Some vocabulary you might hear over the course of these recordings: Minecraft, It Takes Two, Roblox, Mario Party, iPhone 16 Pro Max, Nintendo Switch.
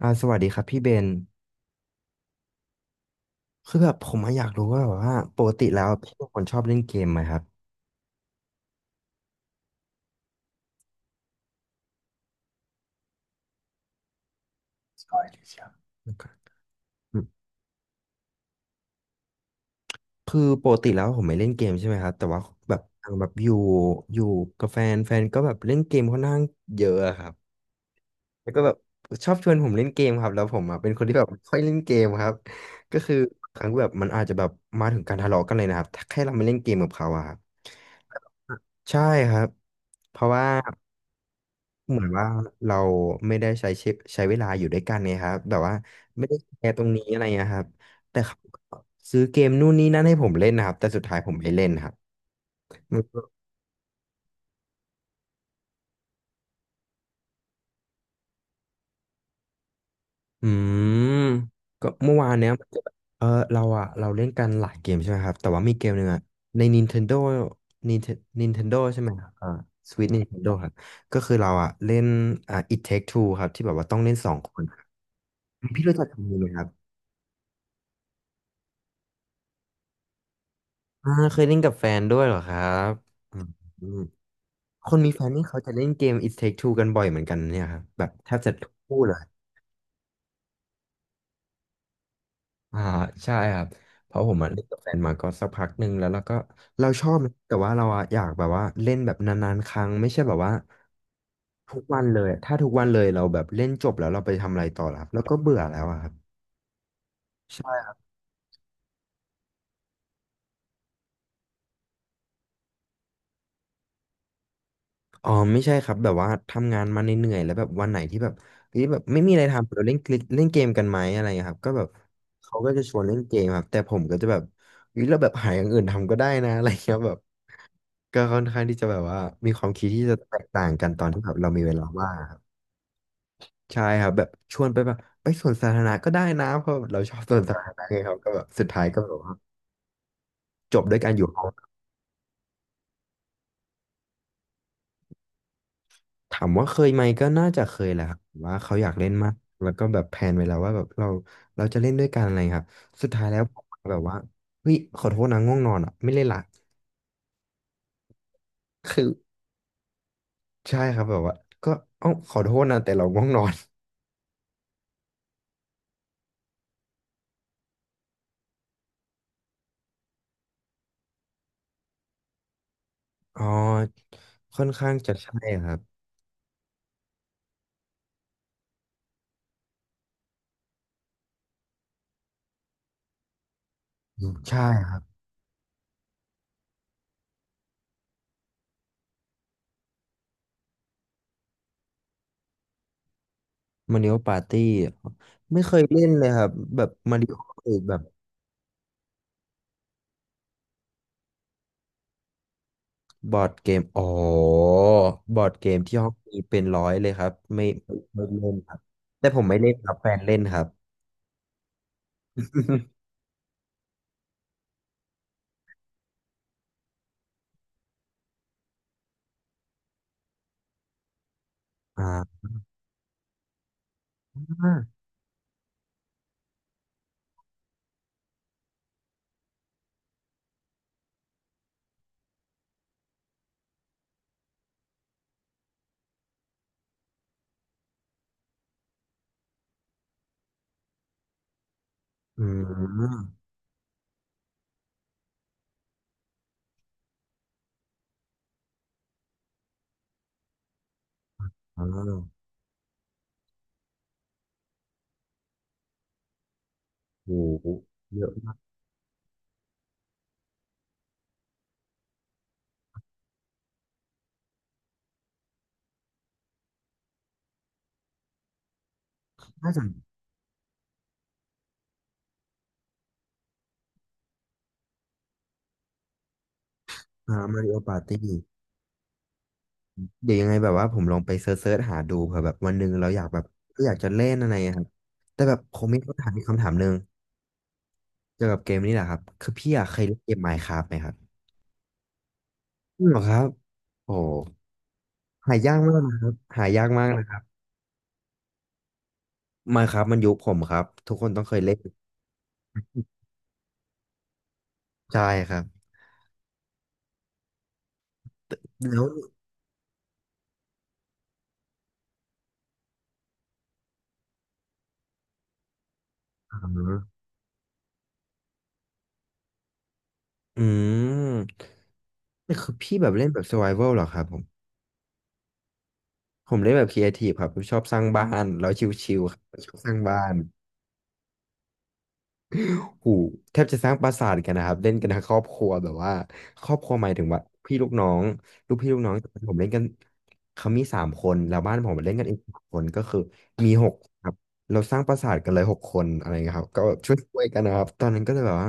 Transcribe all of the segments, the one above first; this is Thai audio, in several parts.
สวัสดีครับพี่เบนคือแบบผมอะอยากรู้ว่าแบบว่าปกติแล้วพี่เป็นคนชอบเล่นเกมไหมครับใช่เลยครับอืมคือปกติแล้วผมไม่เล่นเกมใช่ไหมครับแต่ว่าแบบทางแบบอยู่กับแฟนแฟนก็แบบเล่นเกมค่อนข้างเยอะอะครับแล้วก็แบบชอบชวนผมเล่นเกมครับแล้วผมอะเป็นคนที่แบบไม่ค่อยเล่นเกมครับก็คือครั้งแบบมันอาจจะแบบมาถึงการทะเลาะกันเลยนะครับถ้าแค่เราไม่เล่นเกมกับเขาอะครับใช่ครับเพราะว่า เหมือนว่าเราไม่ได้ใช้ชีวิตใช้เวลาอยู่ด้วยกันไงครับแบบว่าไม่ได้แชร์ตรงนี้อะไรนะครับแต่เขาก็ซื้อเกมนู่นนี่นั่นให้ผมเล่นนะครับแต่สุดท้ายผมไม่เล่นครับมันก็อืมก็เมื่อวานเนี้ยมันจะแบบเราเล่นกันหลายเกมใช่ไหมครับแต่ว่ามีเกมหนึ่งอะใน Nintendo Nintendo ใช่ไหมครับอ่า Switch Nintendo ครับก็คือเราอะเล่นอ่า It Take Two ครับที่แบบว่าต้องเล่นสองคนครับพี่รู้จักคำนี้ไหมครับอ่าเคยเล่นกับแฟนด้วยเหรอครับอืม คนมีแฟนนี่เขาจะเล่นเกม It Take Two กันบ่อยเหมือนกันเนี่ยครับแบบแทบจะทุกคู่เลยอ่าใช่ครับเพราะผมอะเล่นกับแฟนมาก็สักพักหนึ่งแล้วเราก็เราชอบนะแต่ว่าเราอะอยากแบบว่าเล่นแบบนานๆครั้งไม่ใช่แบบว่าทุกวันเลยถ้าทุกวันเลยเราแบบเล่นจบแล้วเราไปทำอะไรต่อล่ะครับแล้วก็เบื่อแล้วอะครับ อ๋อไม่ใช่ครับแบบว่าทำงานมาเหนื่อยๆแล้วแบบวันไหนที่แบบเฮ้ยแบบไม่มีอะไรทำเราเล่นคลิกเล่นเกมกันไหมอะไรเงี้ยครับก็แบบเขาก็จะชวนเล่นเกมครับแต่ผมก็จะแบบเฮ้ยเราแบบหาอย่างอื่นทำก็ได้นะอะไรเงี้ยแบบก็ค่อนข้างที่จะแบบว่ามีความคิดที่จะแตกต่างกันตอนที่แบบเรามีเวลาว่างครับใช่ครับแบบชวนไปแบบไปสวนสาธารณะก็ได้นะเพราะเราชอบสวนสาธารณะไงครับก็แบบสุดท้ายก็แบบว่าจบด้วยการอยู่ห้อง ถามว่าเคยไหมก็น่าจะเคยแหละครับว่าเขาอยากเล่นมากแล้วก็แบบแพลนไว้แล้วว่าแบบเราเราจะเล่นด้วยกันอะไรครับสุดท้ายแล้วผมแบบว่าเฮ้ยขอโทษนะง่วงนอนอ่ะไม่เล่นละคือใช่ครับแบบว่าก็เอ้าขอโทษนะแต่เราง่วงนอน อ๋อค่อนข้างจะใช่ครับอืมใช่ครับมาริโอปาร์ตี้ไม่เคยเล่นเลยครับแบบมาริโอแบบ บอร์ดเกมอ๋อบอร์ดเกมที่ห้องมีเป็นร้อยเลยครับไม่ไม่เล่นครับแต่ผมไม่เล่นครับแฟนเล่นครับ อ่าอืมอ่าโอ้โหเยอะมากน่าจะมาริโอปาร์ตี้เดี๋ยวยังไงแบบว่าผมลองไปเซิร์ชๆหาดูเผื่อแบบวันหนึ่งเราอยากแบบก็อยากจะเล่นอะไรอะครับแต่แบบผมมีคำถามอีกคำถามหนึ่งเกี่ยวกับเกมนี่แหละครับคือพี่อะเคยเล่นเกม Minecraft ไหมครับจริงเหรอครับโอ้หายากมากนะครับหายากมากนะ ไมน์ครับมันยุคผมครับทุกคนต้องเคยเล่นใช่ครับแล้วอ่าอืมนี่คือพี่แบบเล่นแบบ survival เหรอครับผมผมเล่นแบบ creative ครับผมชอบสร้างบ้านแล้วชิวๆครับชอบสร้างบ้าน กูแทบจะสร้างปราสาทกันนะครับเล่นกันทั้งครอบครัวแบบว่าครอบครัวหมายถึงว่าพี่ลูกน้องลูกพี่ลูกน้องแต่ผมเล่นกันเขามีสามคนแล้วบ้านผมเล่นกันอีกสามคนก็คือมีหกครับเราสร้างปราสาทกันเลยหกคนอะไรเงี้ยครับก็แบบช่วยๆกันนะครับตอนนั้นก็เลยแบบว่า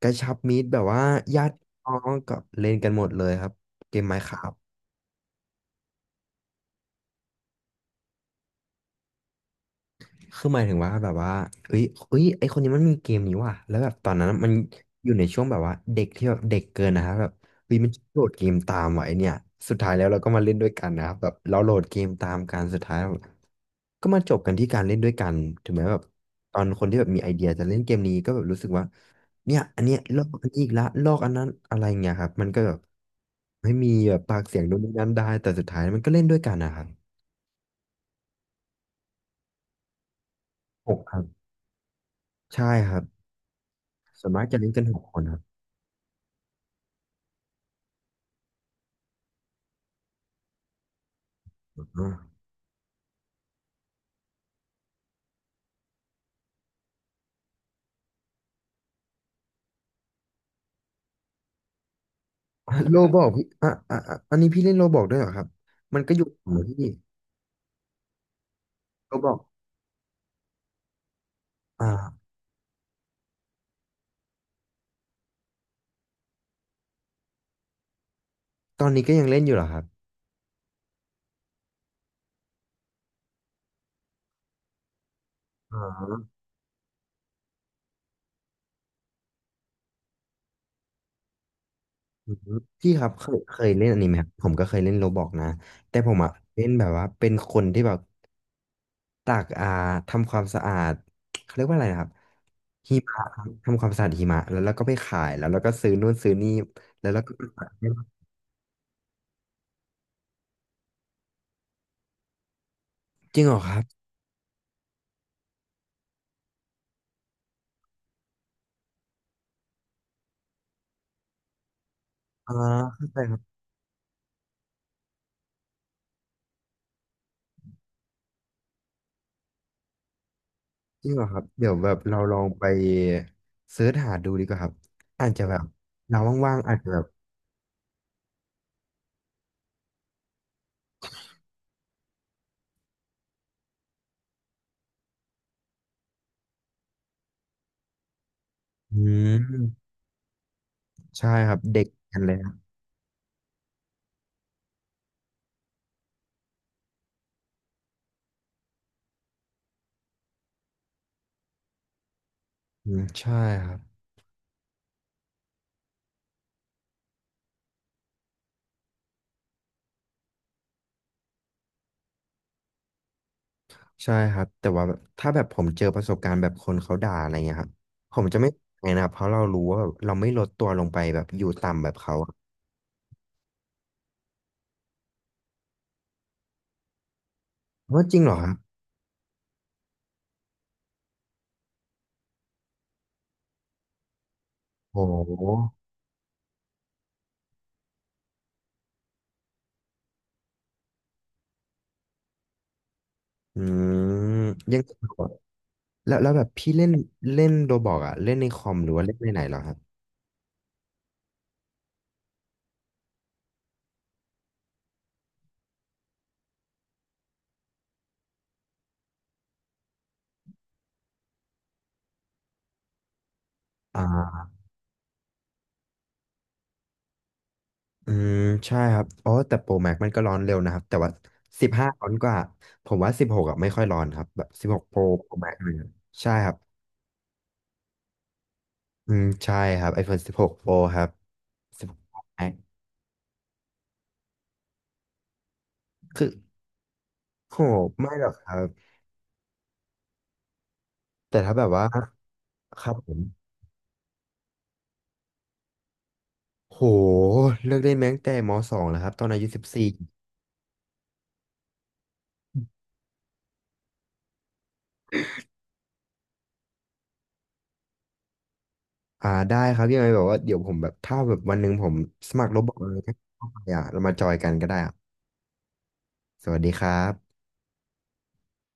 กระชับมิตรแบบว่าญาติพี่น้องก็เล่นกันหมดเลยครับเกมไม้ขา คือหมายถึงว่าแบบว่าเอ้ยเอ้ยไอคนนี้มันมีเกมนี้ว่ะแล้วแบบตอนนั้นมันอยู่ในช่วงแบบว่าเด็กที่แบบเด็กเกินนะครับแบบเฮ้ยมันโหลดเกมตามว่ะไอเนี่ยสุดท้ายแล้วเราก็มาเล่นด้วยกันนะครับแบบเราโหลดเกมตามกันสุดท้ายแล้วก็มาจบกันที่การเล่นด้วยกันถึงแม้แบบตอนคนที่แบบมีไอเดียจะเล่นเกมนี้ก็แบบรู้สึกว่าเนี่ยอันเนี้ยลอกอันนี้อีกละลอกอันนั้นอะไรเงี้ยครับมันก็แบบไม่มีแบบปากเสียงนู่นนี่นั่นได้แต่สุดท้ายมันก็เล่นด้วยกันนะครับหกครับใช่ครับส่วนมากจะเล่นกันหกคนครับ อ๋อโลบอกพี่อ่ะอ่ะอะอันนี้พี่เล่นโลบอกด้วยเหรอครับ มันก็อยู่เหมือนพี่โลบอกอ่าตอนนี้ก็ยังเล่นอยู่เหรอครับอ๋ออืมพี่ครับเคยเล่นอันนี้ไหมครับผมก็เคยเล่นโลบอกนะแต่ผมอ่ะเล่นแบบว่าเป็นคนที่แบบตากทำความสะอาดเขาเรียกว่าอะไรนะครับหิมะครับทำความสะอาดหิมะแล้วเราก็ไปขายแล้วเราก็ซื้อนู่นซื้อนี่แล้วเราก็ไปขายจริงเหรอครับอ่าเข้าใจ จริงเหรอครับเดี๋ยวแบบเราลองไปเสิร์ชหาดูดีกว่าครับอาจจะแบบเราว่างๆอาจจะแบบอืมใช่ครับเด็กกันเลยครับอืมใช่ครับใช่ครับแต่ว่าแบบถ้าแบบผมเจอประสบการณ์แบบคนเขาด่าอะไรเงี้ยครับผมจะไม่ไงนะครับเพราะเรารู้ว่าแบบเราไม่ลดตัวลงไปแบบอยู่ต่ำแบบเขาอะว่าจริงเหรอครับโอ้โหอืมยังแล้วแบบพี่เล่นเล่นโรบอกอะเล่นในคอมหรือว่าเล่นในไหนเหรอครับอ่า อืมใช่ครับอ๋อแต่โปรแม็กมันก็ร้อนเร็วนะครับแต่ว่าสิบห้าร้อนกว่าผมว่าสิบหกอ่ะไม่ค่อยร้อนครับแบบสิบหกโปรแม็กเลยใช่ครับอืมใช่ครับ iPhone 16 Pro ครับ16 Pro Max คือโหไม่หรอกครับแต่ถ้าแบบว่าครับผมโหเลิกเล่นแม้ตั้งแต่ม .2 แล้วครับตอนอายุสิบสี4อ่าได้ครับยังไงแบบว่าเดี๋ยวผมแบบถ้าแบบวันหนึ่งผมสมัครโรบอทเลยเข้าไปอ่ะเรามาจอยกันก็ได้อ่ะสวัสดีครับ